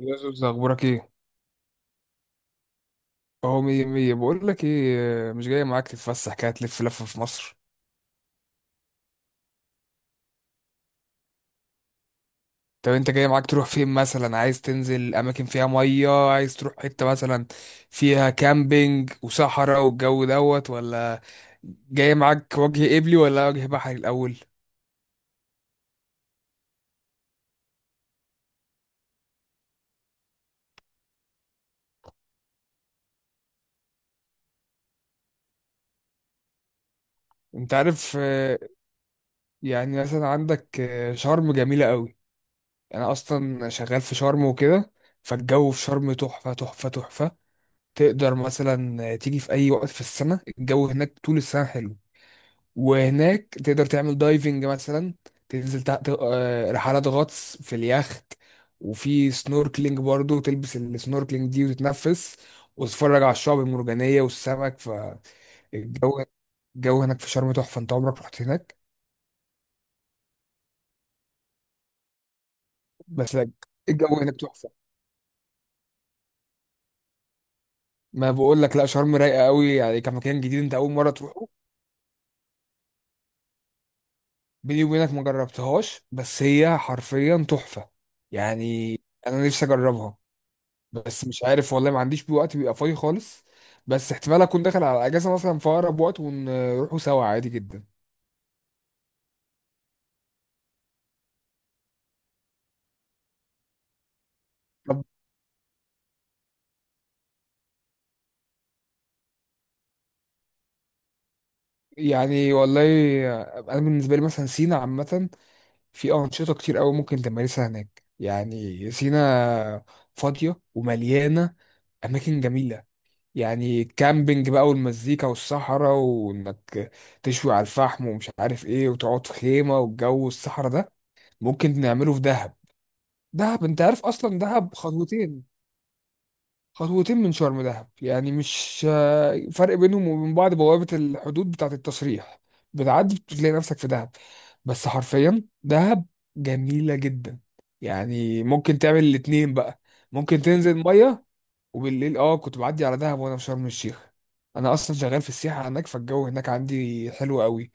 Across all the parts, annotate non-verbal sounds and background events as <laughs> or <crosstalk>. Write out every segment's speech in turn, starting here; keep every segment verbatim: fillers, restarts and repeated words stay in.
يوسف، اخبارك ايه؟ اهو مية مية. بقول لك ايه، مش جاي معاك تتفسح كده، تلف لفه في مصر؟ طب انت جاي معاك تروح فين مثلا؟ عايز تنزل اماكن فيها ميه؟ عايز تروح حته مثلا فيها كامبينج وصحراء والجو دوت ولا؟ جاي معاك وجه قبلي ولا وجه بحري الاول؟ انت عارف، آه، يعني مثلا عندك، آه، شرم جميله قوي. انا اصلا شغال في شرم وكده، فالجو في شرم تحفه تحفه تحفه. تقدر مثلا تيجي في اي وقت في السنة، الجو هناك طول السنة حلو. وهناك تقدر تعمل دايفنج مثلا، تنزل تحت، آه، رحلات غطس في اليخت. وفي سنوركلينج برضو، تلبس السنوركلينج دي وتتنفس وتتفرج على الشعب المرجانية والسمك. فالجو الجو هناك في شرم تحفة. انت عمرك رحت هناك؟ بس لا، الجو هناك تحفة. ما بقول لك، لا شرم رايقة قوي، يعني كمكان جديد انت اول مرة تروح. بيني وبينك ما جربتهاش، بس هي حرفيا تحفة يعني. انا نفسي اجربها، بس مش عارف والله، ما عنديش بيه وقت بيبقى فاضي خالص. بس احتمال اكون داخل على اجازة مثلا في اقرب وقت، ونروحوا سوا عادي جدا. طب يعني والله، انا بالنسبة لي مثلا سينا عامة، في انشطة كتير قوي ممكن تمارسها هناك. يعني سينا فاضية ومليانة اماكن جميلة. يعني كامبينج بقى، والمزيكا والصحراء، وانك تشوي على الفحم ومش عارف ايه، وتقعد في خيمة، والجو الصحراء ده ممكن نعمله في دهب. دهب انت عارف اصلا دهب خطوتين، خطوتين من شرم دهب. يعني مش آه، فرق بينهم وبين بعض، بوابة الحدود بتاعة التصريح بتعدي بتلاقي نفسك في دهب. بس حرفيا دهب جميلة جدا. يعني ممكن تعمل الاتنين بقى، ممكن تنزل مية وبالليل. اه كنت بعدي على دهب وانا في شرم الشيخ. انا اصلا شغال في السياحه هناك، فالجو هناك عندي حلو قوي.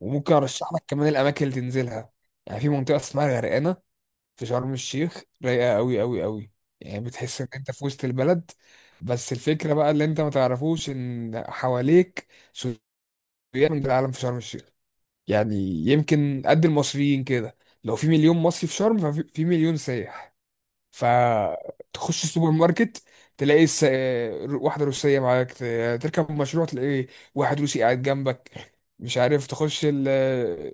وممكن ارشح لك كمان الاماكن اللي تنزلها. يعني في منطقه اسمها الغرقانه في شرم الشيخ، رايقه قوي قوي قوي. يعني بتحس ان انت في وسط البلد، بس الفكره بقى اللي انت ما تعرفوش، ان حواليك سياح من العالم في شرم الشيخ. يعني يمكن قد المصريين كده، لو في مليون مصري في شرم ففي في مليون سايح. فتخش السوبر ماركت تلاقي س... واحدة روسية معاك، ت- تركب مشروع تلاقي واحد روسي قاعد جنبك. مش عارف، تخش ال...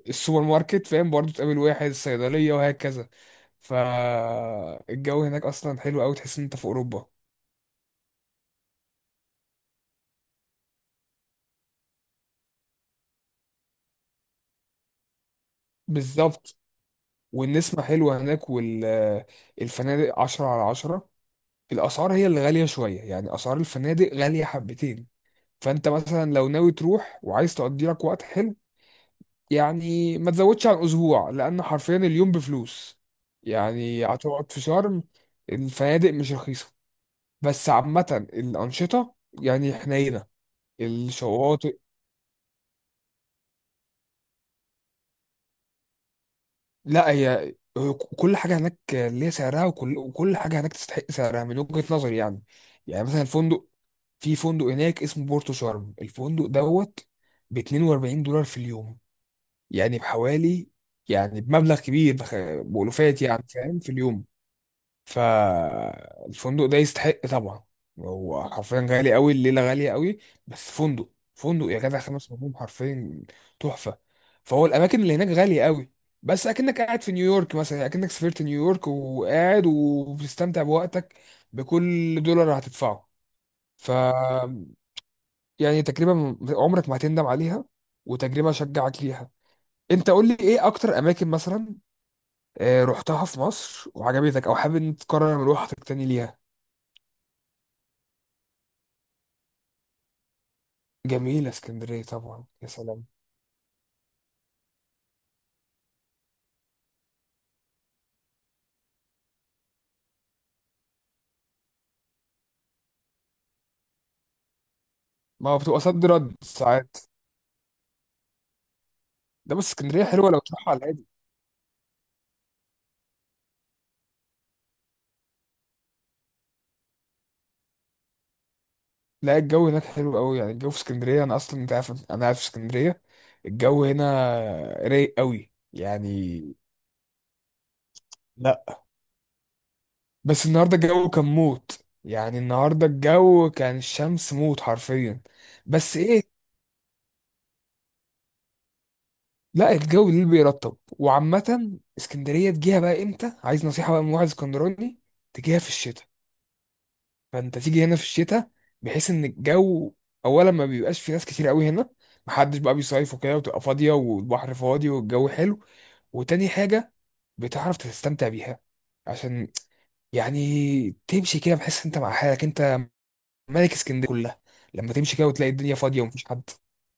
السوبر ماركت، فاهم، برضو تقابل واحد صيدلية، وهكذا. فالجو هناك أصلا حلو أوي، تحس إن أنت في أوروبا بالظبط. والنسمة حلوة هناك، والفنادق عشرة على عشرة. الأسعار هي اللي غالية شوية، يعني أسعار الفنادق غالية حبتين. فأنت مثلا لو ناوي تروح وعايز تقضي لك وقت حلو، يعني ما تزودش عن اسبوع، لان حرفيا اليوم بفلوس. يعني هتقعد في شرم، الفنادق مش رخيصه. بس عامه الانشطه يعني حنينه، الشواطئ. لا، هي هو كل حاجه هناك ليها سعرها، وكل وكل حاجه هناك تستحق سعرها من وجهه نظري يعني. يعني مثلا الفندق، في فندق هناك اسمه بورتو شرم الفندق دوت، ب اتنين واربعين دولار في اليوم. يعني بحوالي، يعني بمبلغ كبير، بخ- بألوفات، يعني فاهم، في اليوم. فالفندق ده يستحق طبعا، هو حرفيا غالي قوي، الليله غاليه قوي. بس فندق فندق يا جدع، خمس نجوم حرفيا، تحفه. فهو الاماكن اللي هناك غاليه قوي، بس اكنك قاعد في نيويورك مثلا، اكنك سافرت نيويورك وقاعد وبتستمتع بوقتك بكل دولار هتدفعه. ف يعني تجربه م- عمرك ما هتندم عليها، وتجربه اشجعك ليها. انت قول لي ايه اكتر اماكن مثلا آه، رحتها في مصر وعجبتك، او حابب إن أنت تكرر مروحتك تاني ليها. جميلة اسكندرية طبعا، يا سلام. ما هو بتبقى صد رد ساعات. ده بس اسكندرية حلوة لو تروح على الهادي. لا الجو هناك حلو قوي، يعني الجو في اسكندرية، أنا أصلا أنت عارف، أنا عارف اسكندرية. الجو هنا رايق قوي يعني. لا، بس النهاردة الجو كان موت، يعني النهاردة الجو كان الشمس موت حرفيا. بس إيه، لا الجو اللي بيرطب. وعامة اسكندرية تجيها بقى إمتى؟ عايز نصيحة بقى من واحد اسكندراني؟ تجيها في الشتاء. فانت تيجي هنا في الشتاء، بحيث ان الجو، اولا، ما بيبقاش في ناس كتير قوي هنا، محدش بقى بيصيف وكده، وتبقى فاضيه والبحر فاضي والجو حلو. وتاني حاجه، بتعرف تستمتع بيها، عشان يعني تمشي كده بحيث انت مع حالك، انت ملك اسكندريه كلها لما تمشي كده وتلاقي الدنيا فاضيه ومفيش حد.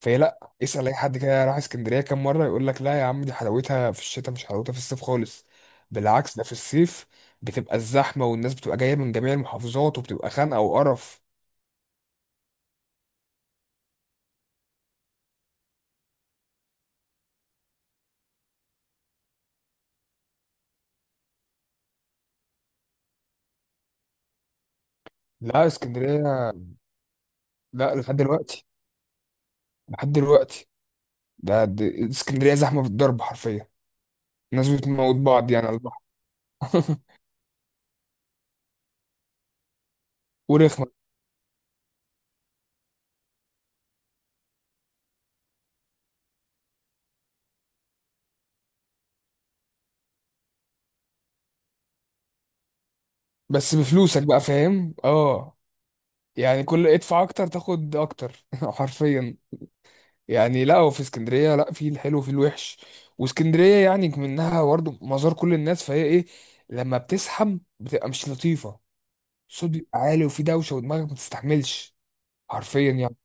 فهي، لا، اسال اي حد كده راح اسكندريه كام مره، يقول لك لا يا عم، دي حلاوتها في الشتاء، مش حلاوتها في الصيف خالص. بالعكس، ده في الصيف بتبقى الزحمه، والناس بتبقى جايه من جميع المحافظات، وبتبقى خانقه وقرف. لا اسكندرية، لا، لحد دلوقتي، لحد دلوقتي، ده ده- اسكندرية زحمة بالضرب حرفيا. الناس بتموت بعض يعني على البحر. <laughs> ورخمة. بس بفلوسك بقى، فاهم، اه. يعني كل ادفع اكتر تاخد اكتر <laughs> حرفيا يعني. لا، وفي اسكندرية لا، في الحلو وفي الوحش. واسكندرية يعني منها برضه مزار كل الناس، فهي ايه، لما بتزحم بتبقى مش لطيفة. الصوت بيبقى عالي، وفي دوشة، ودماغك ما تستحملش، حرفيا يعني.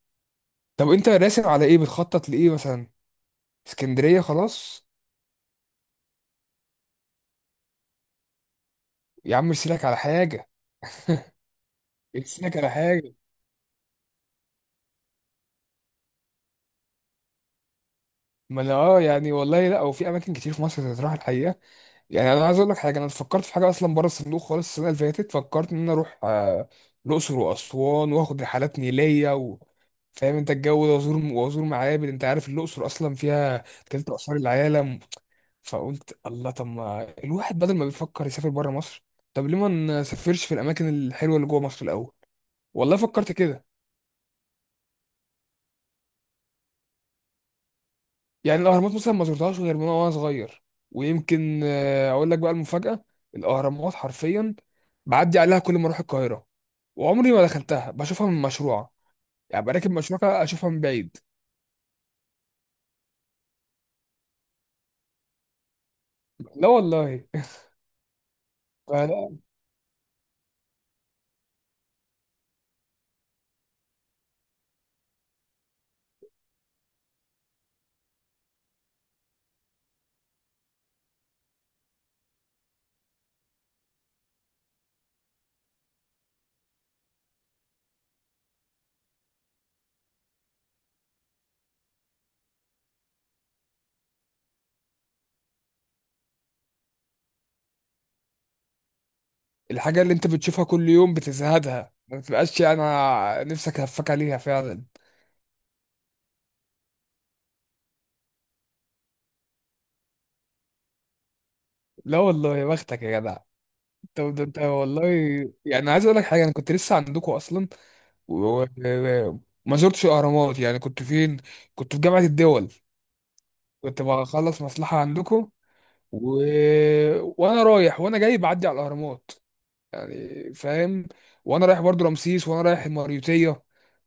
طب انت راسم على ايه؟ بتخطط لايه مثلا؟ اسكندريه خلاص؟ يا عم ارسلك على حاجه، ارسلك على حاجه. ما انا اه يعني والله، لا وفي اماكن كتير في مصر تتراح الحقيقه. يعني انا عايز اقول لك حاجه، انا فكرت في حاجه اصلا بره الصندوق خالص. السنه اللي فاتت فكرت ان انا اروح آه، الاقصر واسوان، واخد رحلات نيليه و... فاهم انت الجو ده، وازور وازور معابد، انت عارف الاقصر اصلا فيها تلت اثار العالم. فقلت، الله، طب ما الواحد بدل ما بيفكر يسافر بره مصر، طب ليه ما نسافرش في الاماكن الحلوه اللي جوه مصر الاول؟ والله فكرت كده. يعني الاهرامات مثلا ما زرتهاش غير من وانا صغير، ويمكن آه، اقول لك بقى المفاجاه، الاهرامات حرفيا بعدي عليها كل ما اروح القاهره، وعمري ما دخلتها. بشوفها من مشروع يعني، براكب مشروع كده اشوفها من بعيد. لا والله <laughs> فلا. الحاجه اللي انت بتشوفها كل يوم بتزهدها، ما بتبقاش انا نفسك هفاك عليها فعلا. لا والله، يا بختك يا جدع. انت ده انت والله. يعني عايز اقول لك حاجه، انا كنت لسه عندكم اصلا و- و- وما زرتش الاهرامات. يعني كنت فين؟ كنت في جامعه الدول، كنت بخلص مصلحة عندكم، و... وانا رايح وانا جاي بعدي على الاهرامات، يعني فاهم. وانا رايح برضو رمسيس، وانا رايح الماريوتية،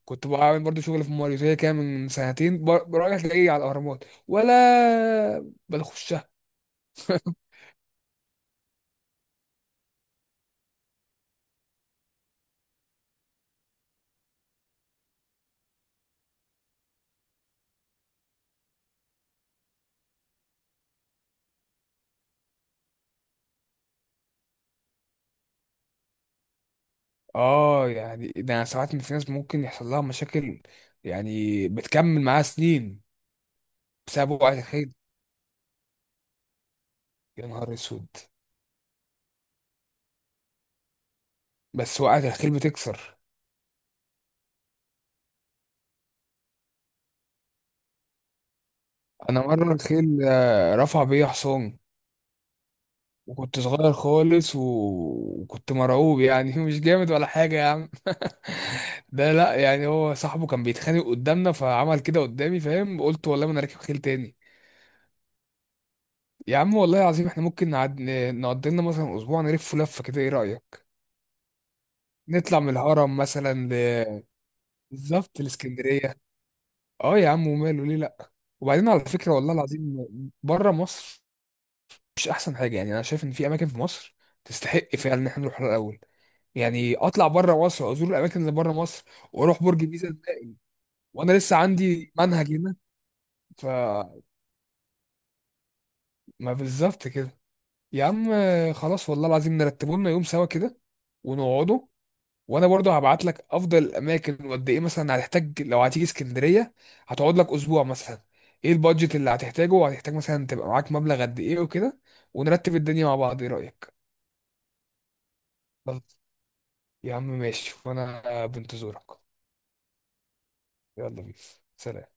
كنت بعمل برضو شغل في الماريوتية كان من سنتين، ب- رايح جاي على الاهرامات ولا بنخشها. اه يعني ده أنا ساعات في ناس ممكن يحصل لها مشاكل، يعني بتكمل معاها سنين بسبب وقعة الخيل. يا نهار اسود. بس وقعة الخيل بتكسر. انا مرة الخيل آه، رفع بيا حصان، وكنت صغير خالص و... وكنت مرعوب يعني، <laughs> مش جامد ولا حاجة يا عم. ده لا، يعني هو صاحبه كان بيتخانق قدامنا فعمل كده قدامي، فاهم، قلت والله ما انا راكب خيل تاني. يا عم والله العظيم، احنا ممكن نعد... نقضي لنا مثلا اسبوع نلف لفة كده، ايه رأيك؟ نطلع من الهرم مثلا ل... بالظبط الاسكندرية. اه يا عم، وماله، ليه لا؟ وبعدين على فكرة والله العظيم، بره مصر مش احسن حاجة. يعني انا شايف ان في اماكن في مصر تستحق فعلا ان احنا نروح لها الاول، يعني اطلع بره مصر ازور الاماكن اللي بره مصر، واروح برج بيزا الباقي، وانا لسه عندي منهج هنا. ف ما بالظبط كده. يا عم خلاص، والله العظيم نرتبه لنا يوم سوا كده ونقعده. وانا برضه هبعت لك افضل الاماكن، وقد ايه مثلا هتحتاج لو هتيجي اسكندريه، هتقعد لك اسبوع مثلا، ايه البادجت اللي هتحتاجه، وهتحتاج مثلا تبقى معاك مبلغ قد ايه وكده، ونرتب الدنيا مع بعض. ايه رايك؟ خلاص. يا عم ماشي، وانا بنتظرك. يلا بينا، سلام.